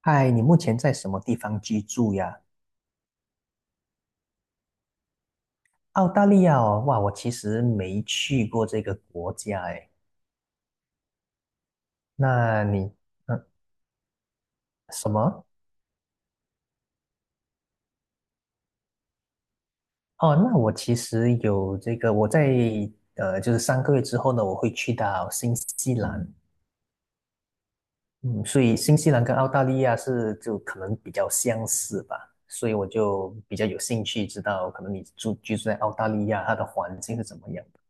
嗨，你目前在什么地方居住呀？澳大利亚哦，哇，我其实没去过这个国家哎。那你，嗯，什么？哦，那我其实有这个，我在就是三个月之后呢，我会去到新西兰。嗯，所以新西兰跟澳大利亚是就可能比较相似吧，所以我就比较有兴趣知道，可能你居住在澳大利亚，它的环境是怎么样的。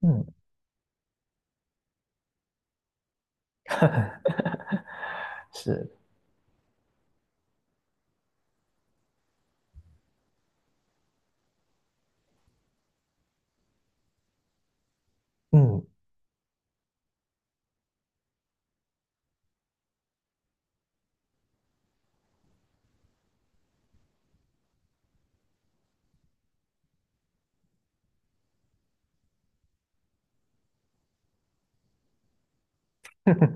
嗯，是，嗯，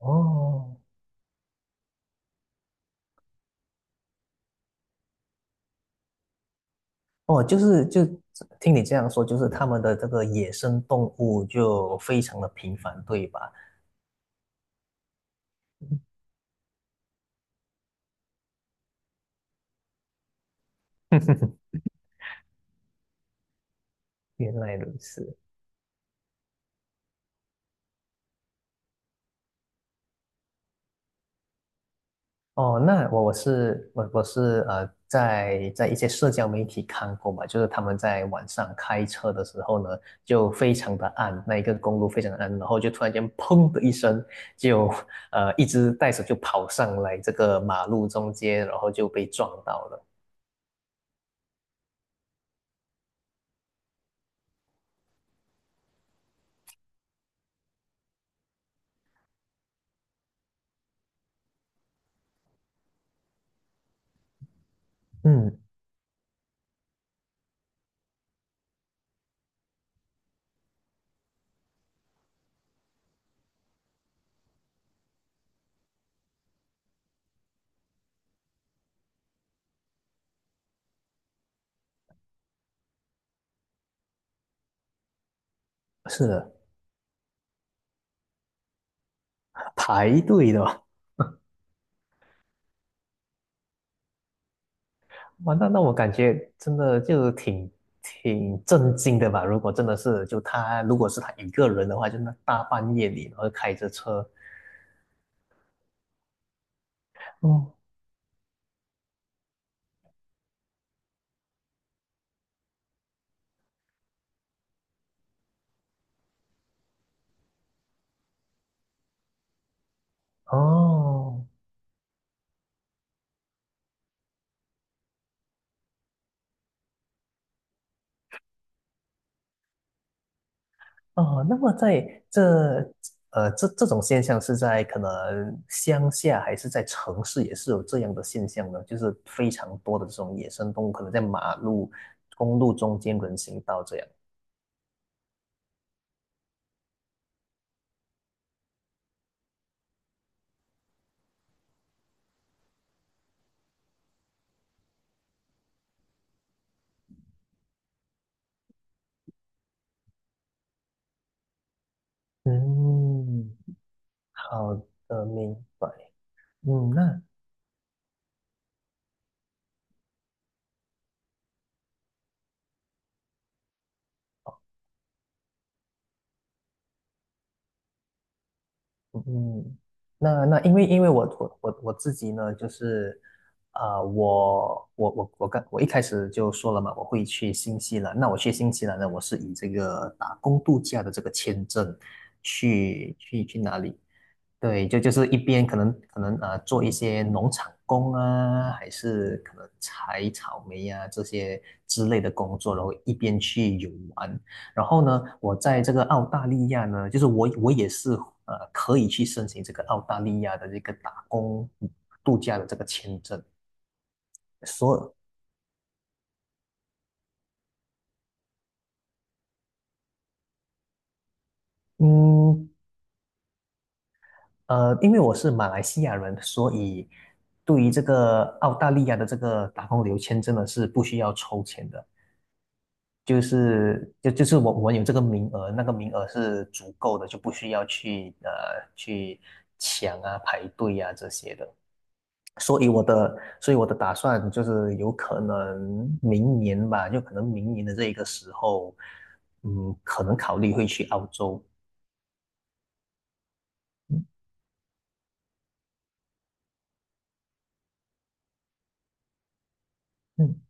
哦。哦，就是就听你这样说，就是他们的这个野生动物就非常的频繁，对吧？原来如此。哦，那我我是我我是呃，在一些社交媒体看过嘛，就是他们在晚上开车的时候呢，就非常的暗，那一个公路非常的暗，然后就突然间砰的一声，就一只袋鼠就跑上来这个马路中间，然后就被撞到了。嗯，是的，排队的。哇，那我感觉真的就挺震惊的吧？如果真的是就他，如果是他一个人的话，就那大半夜里，然后开着车，哦哦哦。那么在这呃这这种现象是在可能乡下还是在城市也是有这样的现象呢？就是非常多的这种野生动物，可能在马路、公路中间、人行道这样。嗯，好的，明白。嗯，嗯，那因为我自己呢，就是我一开始就说了嘛，我会去新西兰。那我去新西兰呢，我是以这个打工度假的这个签证去哪里？对，就是一边可能做一些农场工啊，还是可能采草莓呀、这些之类的工作，然后一边去游玩。然后呢，我在这个澳大利亚呢，就是我也是可以去申请这个澳大利亚的这个打工度假的这个签证。所嗯因为我是马来西亚人，所以对于这个澳大利亚的这个打工旅游签证呢是不需要抽签的。就是我们有这个名额，那个名额是足够的，就不需要去抢啊、排队啊这些的。所以我的打算就是有可能明年吧，就可能明年的这一个时候，嗯，可能考虑会去澳洲。嗯嗯，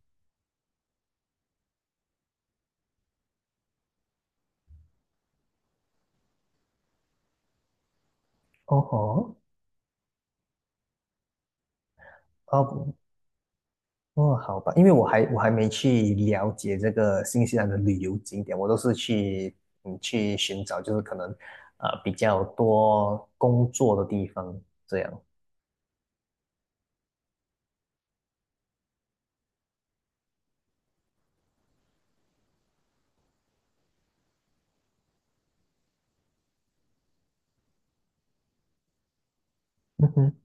哦吼，哦，哦，好吧，因为我还没去了解这个新西兰的旅游景点，我都是去寻找，就是可能比较多工作的地方这样。嗯哼，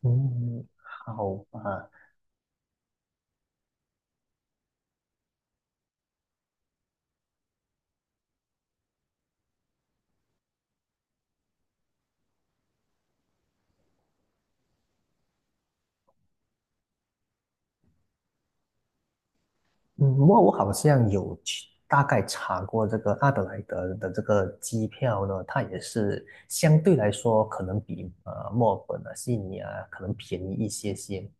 嗯，好吧，嗯，我好像有去大概查过这个阿德莱德的这个机票呢，它也是相对来说可能比墨尔本啊、悉尼啊可能便宜一些些。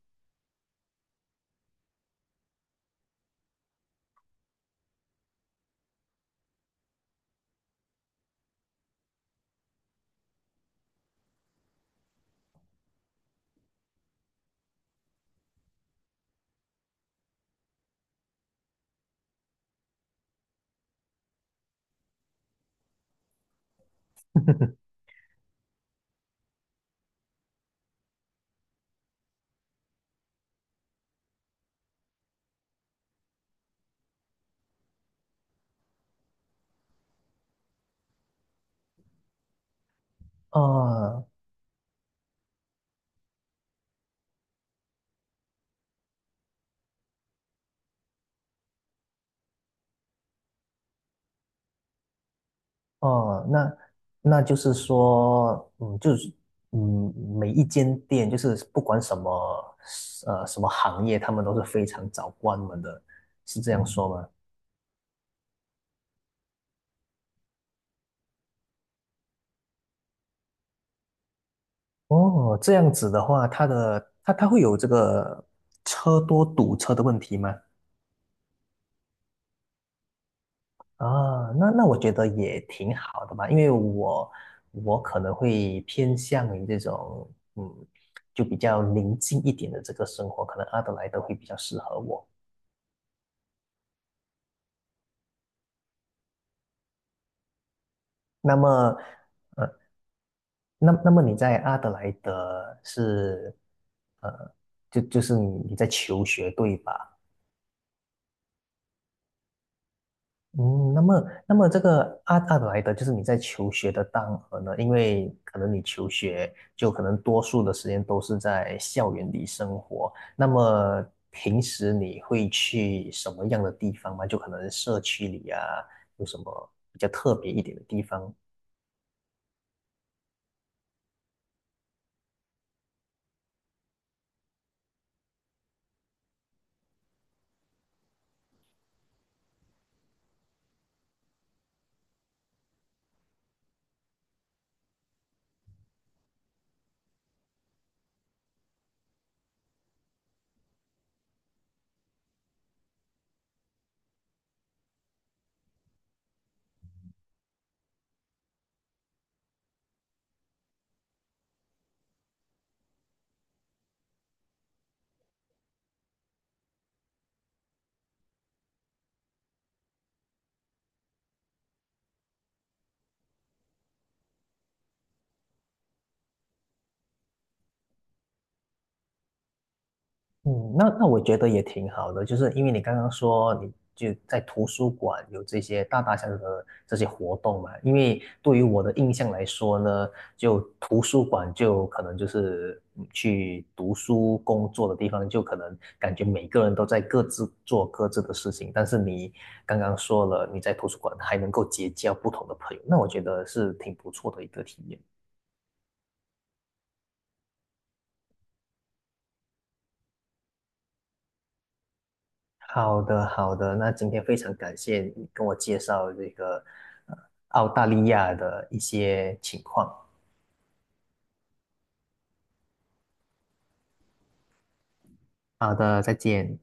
啊，哦，那就是说，嗯，就是嗯，每一间店就是不管什么行业，他们都是非常早关门的，是这样说吗？哦，这样子的话，它的它它会有这个车多堵车的问题吗？啊，那我觉得也挺好的吧，因为我可能会偏向于这种嗯，就比较宁静一点的这个生活，可能阿德莱德会比较适合我。那么，呃，那么你在阿德莱德是，呃，就是你在求学对吧？嗯，那么这个阿德莱德就是你在求学的当儿呢，因为可能你求学就可能多数的时间都是在校园里生活，那么平时你会去什么样的地方吗？就可能社区里啊，有什么比较特别一点的地方？嗯，那我觉得也挺好的，就是因为你刚刚说你就在图书馆有这些大大小小的这些活动嘛，因为对于我的印象来说呢，就图书馆就可能就是去读书工作的地方，就可能感觉每个人都在各自做各自的事情，但是你刚刚说了你在图书馆还能够结交不同的朋友，那我觉得是挺不错的一个体验。好的，好的。那今天非常感谢你跟我介绍这个呃澳大利亚的一些情况。好的，再见。